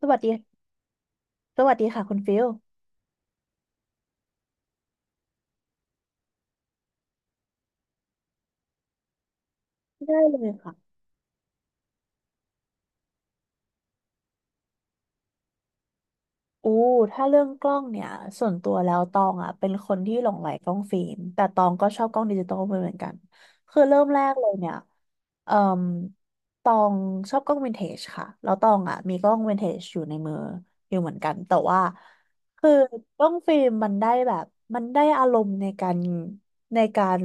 สวัสดี สวัสดีค่ะคุณฟิล ได้เลยค่ะ อู้ถ้าเรื่องกล้องเนี่ยส่วนตัวแล้วตองอ่ะเป็นคนที่หลงใหลกล้องฟิล์มแต่ตองก็ชอบกล้องดิจิตอลเหมือนกันคือเริ่มแรกเลยเนี่ยเอ่อตองชอบกล้องวินเทจค่ะแล้วตองอ่ะมีกล้องวินเทจอยู่ในมืออยู่เหมือนกันแต่ว่าคือกล้องฟิล์มมันได้แบบมันได้อารมณ์ในการในการ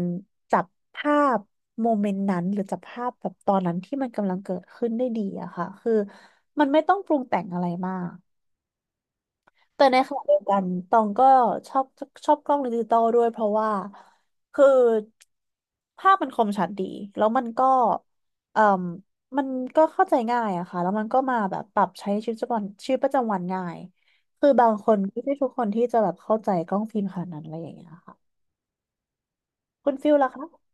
จับภาพโมเมนต์นั้นหรือจับภาพแบบตอนนั้นที่มันกำลังเกิดขึ้นได้ดีอะค่ะคือมันไม่ต้องปรุงแต่งอะไรมาก แต่ในขณะเดียวกันตองก็ชอบชอบกล้องดิจิตอลด้วยเพราะว่าคือภาพมันคมชัดดีแล้วมันก็เอ่มมันก็เข้าใจง่ายอะค่ะแล้วมันก็มาแบบปรับใช้ชีวิตประจำวันชีวิตประจำวันง่ายคือบางคนไม่ใช่ทุกคนที่จะแบบเข้าใจกล้องฟิล์มขนาดนั้นอะไรอย่างเงี้ยค่ะคุณฟิลล่ะคะ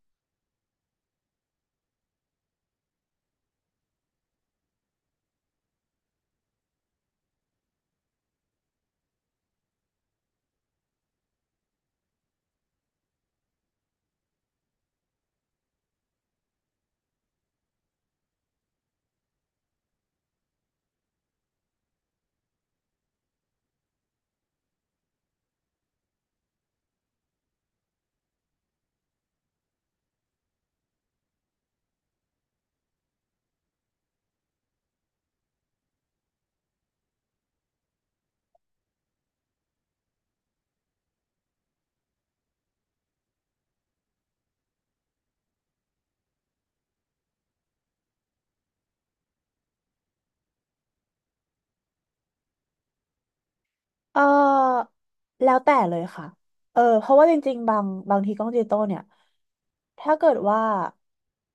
เออแล้วแต่เลยค่ะเออเพราะว่าจริงๆบางบางทีกล้องดิจิตอลเนี่ยถ้าเกิดว่า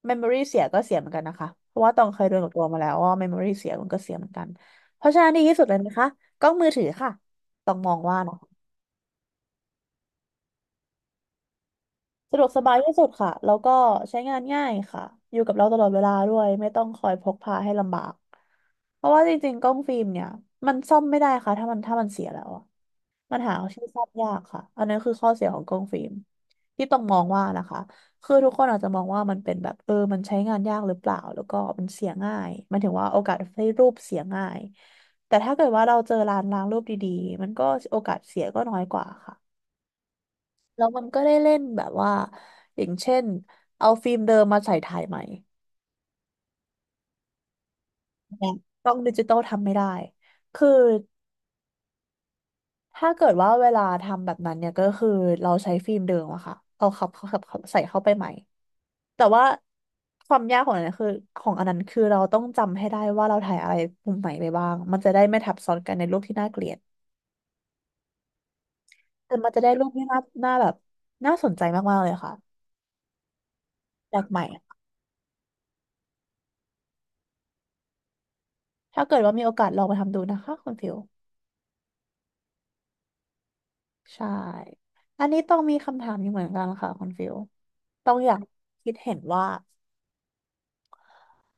memory เสียก็เสียเหมือนกันนะคะเพราะว่าตองเคยโดนกับตัวมาแล้วว่า memory เสียมันก็เสียเหมือนกันเพราะฉะนั้นดีที่สุดเลยนะคะกล้องมือถือค่ะต้องมองว่านะ สะดวกสบายที่สุดค่ะ แล้วก็ใช้งานง่ายค่ะ อยู่กับเราตลอดเวลาด้วย ไม่ต้องคอยพกพาให้ลำบาก เพราะว่าจริงๆกล้องฟิล์มเนี่ยมันซ่อมไม่ได้ค่ะถ้ามันเสียแล้วอะมันหาที่ซ่อมยากค่ะอันนี้คือข้อเสียของกล้องฟิล์มที่ต้องมองว่านะคะคือทุกคนอาจจะมองว่ามันเป็นแบบเออมันใช้งานยากหรือเปล่าแล้วก็มันเสียง่ายหมันถึงว่าโอกาสให้รูปเสียง่ายแต่ถ้าเกิดว่าเราเจอร้านล้างรูปดีๆมันก็โอกาสเสียก็น้อยกว่าค่ะ แล้วมันก็ได้เล่นแบบว่าอย่างเช่นเอาฟิล์มเดิมมาใส่ถ่ายใหม่เนี่ยกล้องดิจิตอลทำไม่ได้คือถ้าเกิดว่าเวลาทำแบบนั้นเนี่ยก็คือเราใช้ฟิล์มเดิมอะค่ะเอาขับข้าขับเใส่เข้าไปใหม่แต่ว่าความยากของอันนั้นคือของอันนั้นคือเราต้องจำให้ได้ว่าเราถ่ายอะไรมุมไหนไปบ้างมันจะได้ไม่ทับซ้อนกันในรูปที่น่าเกลียดแต่มันจะได้รูปที่น่าแบบน่าสนใจมากๆเลยค่ะแปลกใหม่ถ้าเกิดว่ามีโอกาสลองไปทำดูนะคะคุณฟิว ใช่ อันนี้ต้องมีคำถามอยู่เหมือนกันค่ะคุณฟิลต้องอยากคิดเห็นว่า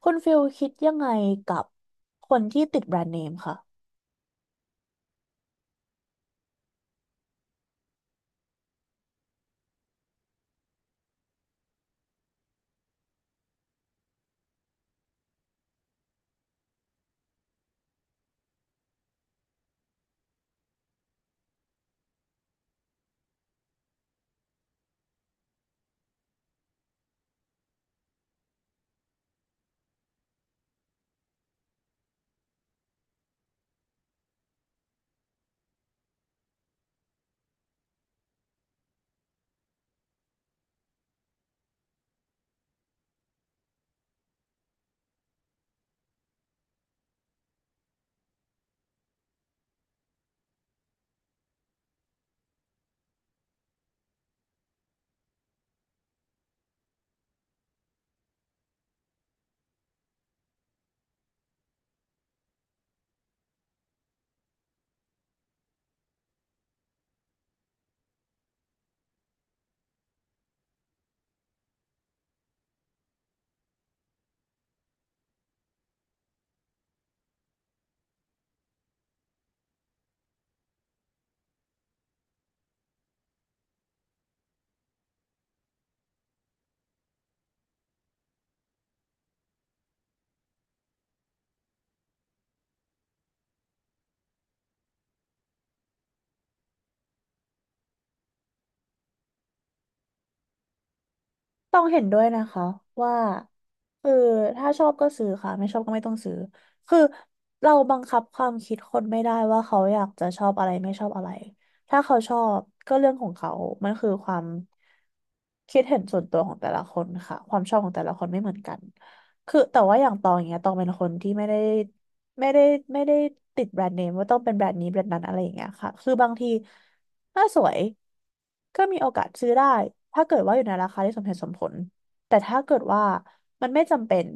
คุณฟิลคิดยังไงกับคนที่ติดแบรนด์เนมค่ะต้องเห็นด้วยนะคะว่าคือถ้าชอบก็ซื้อค่ะไม่ชอบก็ไม่ต้องซื้อคือเราบังคับความคิดคนไม่ได้ว่าเขาอยากจะชอบอะไรไม่ชอบอะไรถ้าเขาชอบก็เรื่องของเขามันคือความคิดเห็นส่วนตัวของแต่ละคนค่ะความชอบของแต่ละคนไม่เหมือนกัน คือแต่ว่าอย่างตองอย่างเงี้ยตองเป็นคนที่ไม่ได้ไม่ได้ติดแบรนด์เนมว่าต้องเป็นแบรนด์นี้แบรนด์นั้นอะไรอย่างเงี้ยค่ะคือบางทีถ้าสวยก็มีโอกาสซื้อได้ถ้าเกิดว่าอยู่ในราคาที่สมเหตุสมผลแต่ถ้าเกิดว่ามันไม่จำเป็น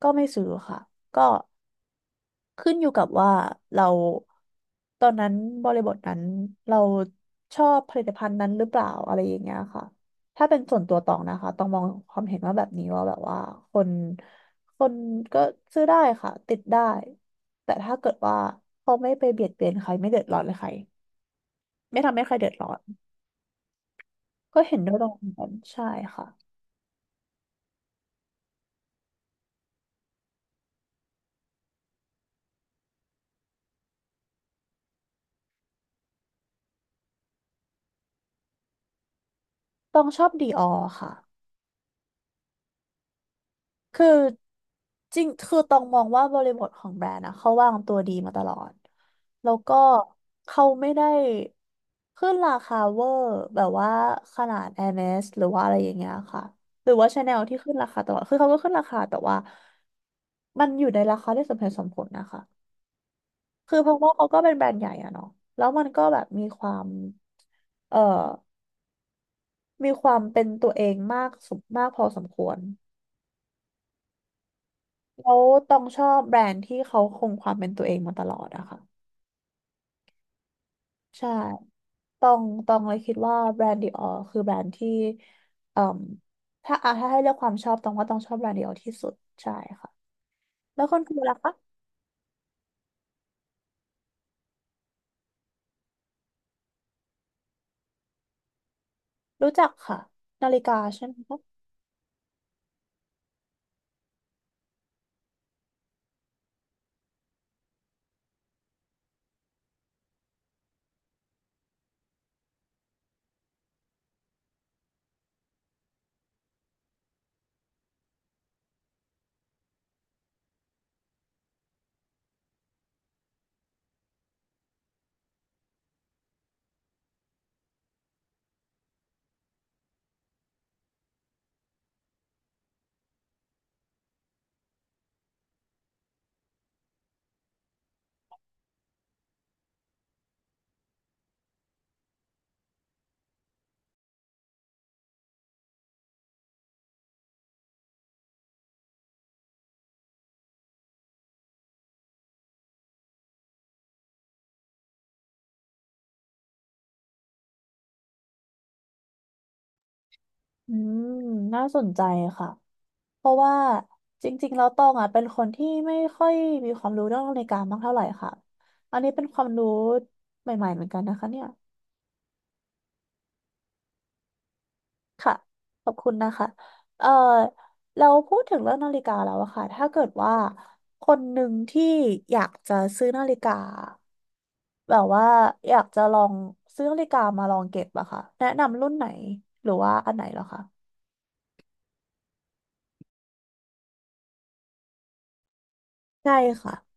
ก็ไม่ซื้อค่ะก็ ขึ้นอยู่กับว่าเราตอนนั้นบริบทนั้นเราชอบผลิตภัณฑ์นั้นหรือเปล่าอะไรอย่างเงี้ยค่ะ ถ้าเป็นส่วนตัวตองนะคะต้องมองความเห็นว่าแบบนี้ว่าแบบว่าคนคนก็ซื้อได้ค่ะติดได้แต่ถ้าเกิดว่าเขาไม่ไปเบียดเบียนใครไม่เดือดร้อนใครไม่ทำให้ใครเดือดร้อนก็เห็นด้วยตรงนั้นใช่ค่ะต้องชอบดีออค่ะ คือจริงคือต้องมองว่าบริบทของแบรนด์นะเขาวางตัวดีมาตลอดแล้วก็เขาไม่ได้ขึ้นราคาเวอร์แบบว่าขนาด Hermes หรือว่าอะไรอย่างเงี้ยค่ะหรือว่า Chanel ที่ขึ้นราคาตลอดคือเขาก็ขึ้นราคาแต่ว่ามันอยู่ในราคาที่สมเหตุสมผลนะคะคือเพราะว่าเขาก็เป็นแบรนด์ใหญ่อะเนาะแล้วมันก็แบบมีความเอ่อมีความเป็นตัวเองมากสมมากพอสมควร แล้วต้องชอบแบรนด์ที่เขาคงความเป็นตัวเองมาตลอดอะค่ะใช่ต้องต้องเลยคิดว่าแบรนด์ดิออคือแบรนด์ที่เอ่มถ้าอ่ะถ้าให้เลือกความชอบต้องว่าต้องชอบแบรนด์ดิออที่สุดใช่ค่ะแล้วคนคือล่ะคะรู้จักค่ะนาฬิกาใช่ไหมคะอืมน่าสนใจค่ะเพราะว่าจริงๆแล้วตองอ่ะเป็นคนที่ไม่ค่อยมีความรู้เรื่องนาฬิกามากเท่าไหร่ค่ะอันนี้เป็นความรู้ใหม่ๆเหมือนกันนะคะเนี่ย ค่ะขอบคุณนะคะเอ่อเราพูดถึงเรื่องนาฬิกาแล้วอะค่ะถ้าเกิดว่าคนหนึ่งที่อยากจะซื้อนาฬิกาแบบว่าอยากจะลองซื้อนาฬิกามาลองเก็บอะค่ะแนะนำรุ่นไหนหรือว่าอันไหนเหรอคะใช่ค่ะ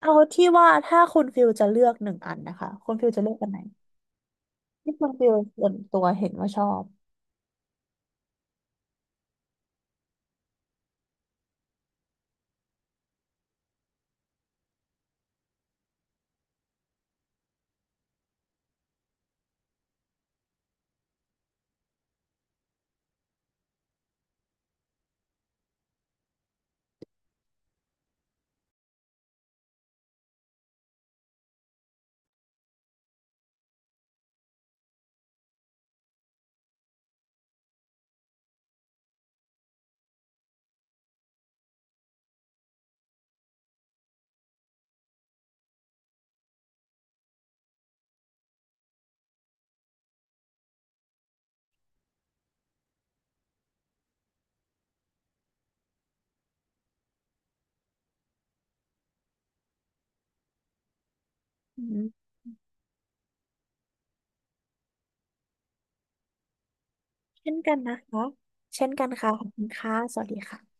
เอาที่ว่าถ้าคุณฟิลจะเลือกหนึ่งอันนะคะคุณฟิลจะเลือกอันไหนที่คุณฟิลส่วนตัวเห็นว่าชอบอืมเช่นกันนะคะเช่นกันค่ะขอบคุณค่ะสวัสดีค่ะ